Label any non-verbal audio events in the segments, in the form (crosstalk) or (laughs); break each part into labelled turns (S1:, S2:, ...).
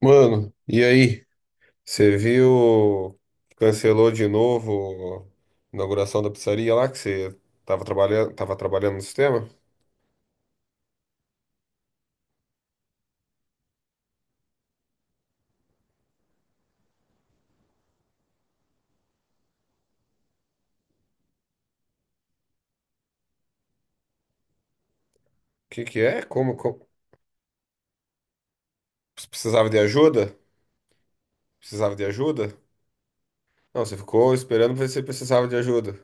S1: Mano, e aí? Você viu? Cancelou de novo a inauguração da pizzaria lá que você tava trabalhando no sistema? O que que é? Você precisava de ajuda? Precisava de ajuda? Não, você ficou esperando pra ver se você precisava de ajuda.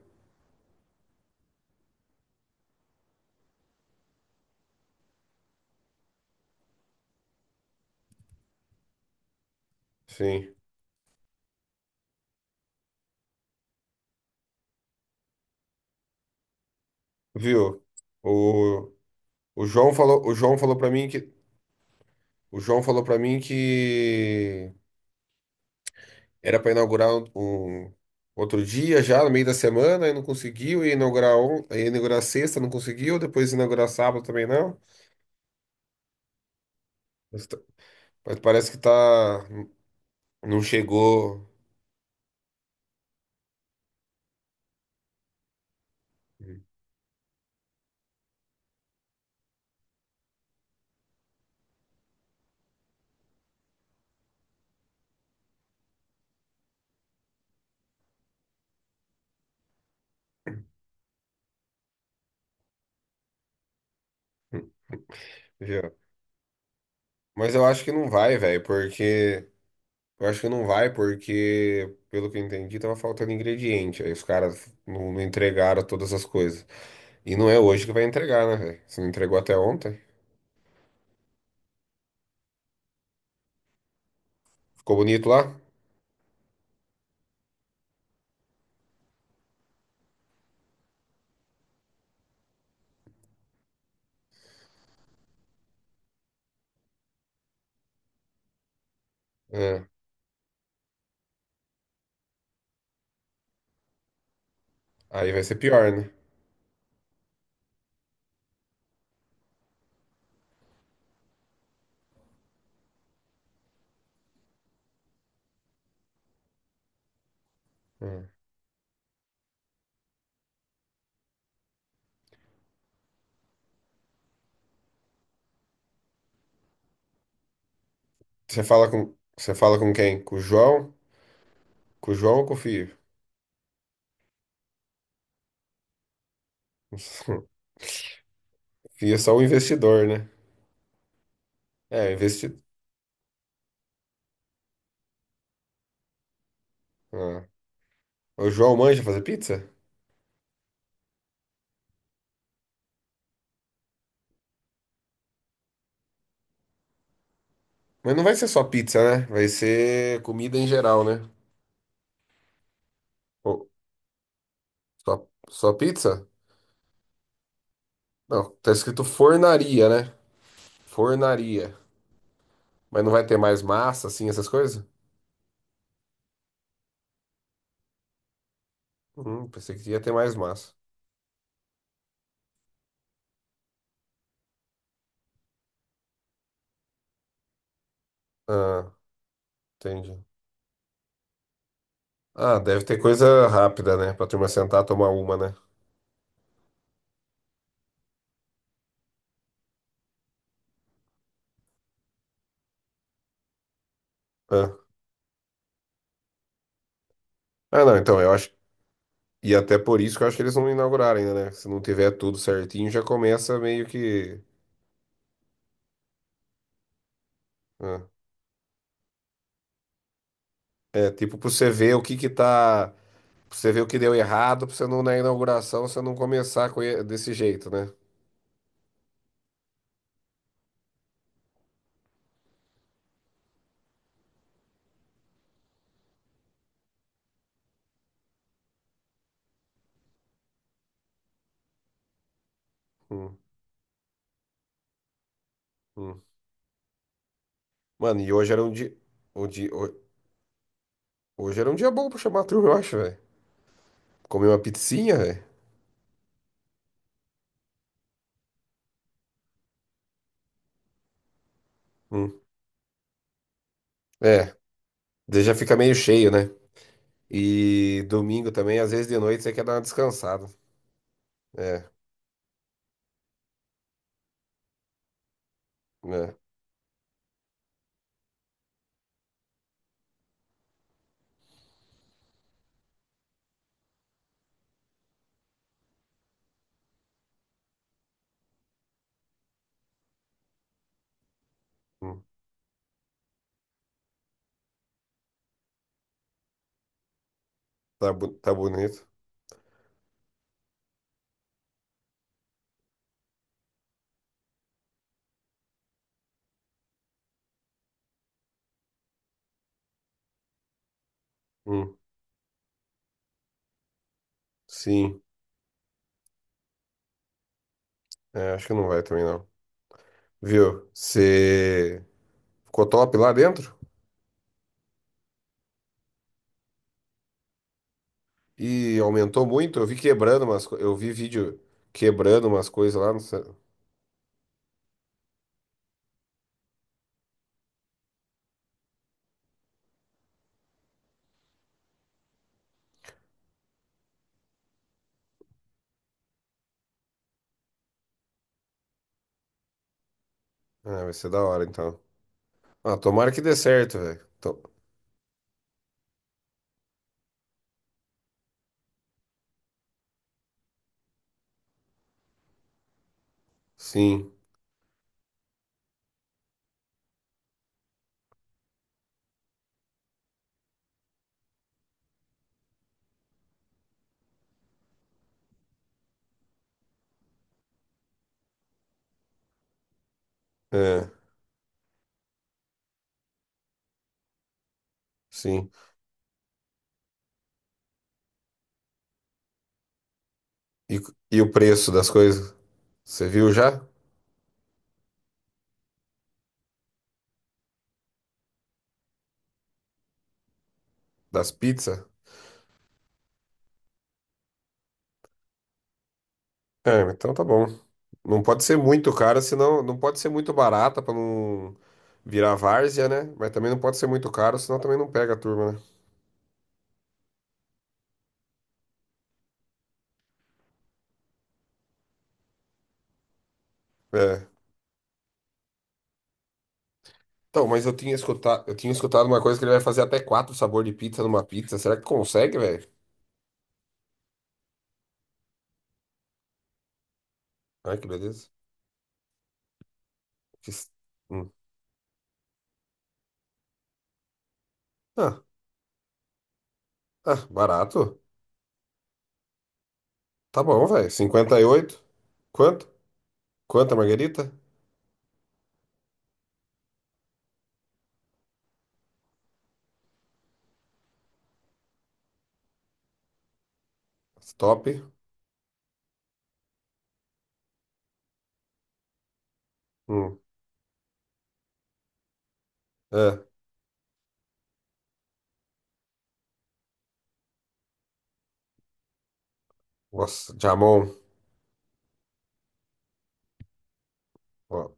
S1: Sim. Viu? O, o João falou para mim que o João falou para mim que era para inaugurar um outro dia já, no meio da semana, e não conseguiu, e inaugurar sexta, não conseguiu, depois inaugurar sábado também não. Mas, tá- mas parece que tá, não chegou. Já. Mas eu acho que não vai, velho, porque. Eu acho que não vai, porque, pelo que eu entendi, tava faltando ingrediente. Aí os caras não entregaram todas as coisas. E não é hoje que vai entregar, né, velho? Se não entregou até ontem. Ficou bonito lá? É. Aí vai ser pior, né? É. Você fala com quem? Com o João? Com o João ou com o Fio? (laughs) O Fio é só um investidor, né? É, investidor. O João manja fazer pizza? Mas não vai ser só pizza, né? Vai ser comida em geral, né? Ou só pizza? Não, tá escrito fornaria, né? Fornaria. Mas não vai ter mais massa, assim, essas coisas? Pensei que ia ter mais massa. Ah, entendi. Ah, deve ter coisa rápida, né? Pra turma sentar, tomar uma, né? Ah, Ah, não, então, eu acho e até por isso que eu acho que eles não inauguraram ainda, né? Se não tiver tudo certinho, já começa meio que. Ah, é, tipo, pra você ver o que que tá. Pra você ver o que deu errado, pra você não, na inauguração, você não começar desse jeito, né? Hum, hum. Mano, e hoje era um dia. O dia... ho- Hoje era um dia bom pra chamar a turma, eu acho, velho. Comer uma pizzinha, velho. Hum. É, daí já fica meio cheio, né? E domingo também, às vezes de noite, você quer dar uma descansada. É, né? Hum. Tá bonito. Hum. Sim. É, acho que não vai também, não. Viu? Você ficou top lá dentro? E aumentou muito. Eu vi quebrando umas coisas. Eu vi vídeo quebrando umas coisas lá. Não sei. Ah, vai ser da hora, então. Ah, tomara que dê certo, velho. Sim. É, sim. E, e o preço das coisas? Você viu já? Das pizzas? É, então tá bom. Não pode ser muito cara, senão. Não pode ser muito barata pra não virar várzea, né? Mas também não pode ser muito caro, senão também não pega a turma, né? É. Então, mas eu tinha escutado uma coisa que ele vai fazer até quatro sabor de pizza numa pizza. Será que consegue, velho? Ai, que beleza. Que s- hum. Ah, ah, barato. Tá bom, velho. 58. Quanto? Quanto a margarita? Top. Hum. É. Nossa, jamon. Ó,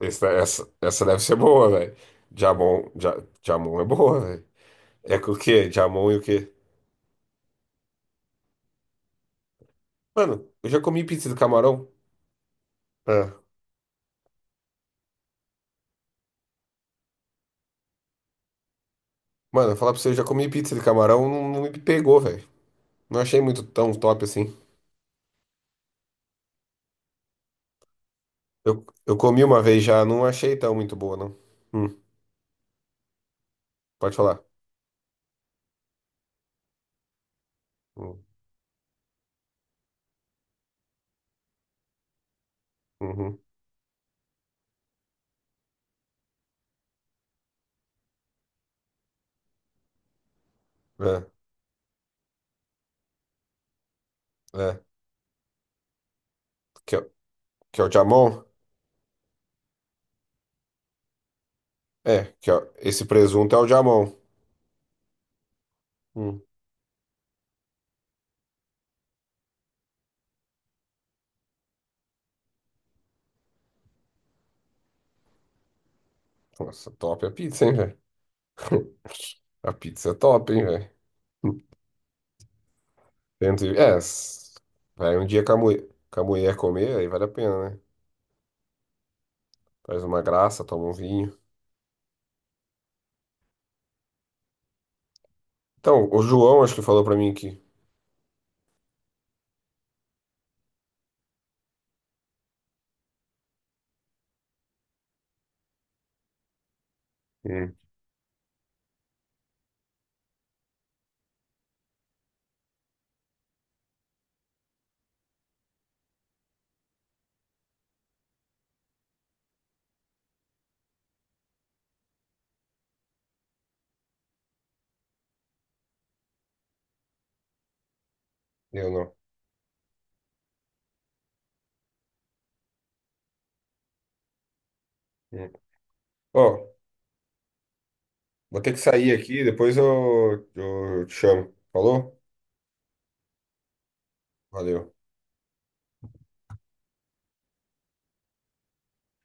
S1: essa deve ser boa, velho. Jamon, ja, jamon é boa, velho. É com o quê? Jamon e o quê? Mano, eu já comi pizza de camarão. É. Mano, eu falar pra você, eu já comi pizza de camarão, não me pegou, velho. Não achei muito tão top assim. Eu comi uma vez já, não achei tão muito boa, não. Hum, pode falar. Hum, Uhum, é, é. Que, é- que é o jamon? É, esse presunto é o jamon. Hum, nossa, top a pizza, hein, velho? (laughs) A pizza é top, hein, velho? É, vai um dia com a mulher comer, aí vale a pena, né? Faz uma graça, toma um vinho. Então, o João acho que falou pra mim que. Hum, eu não. Hum. Ó, vou ter que sair aqui, depois eu te chamo. Falou? Valeu.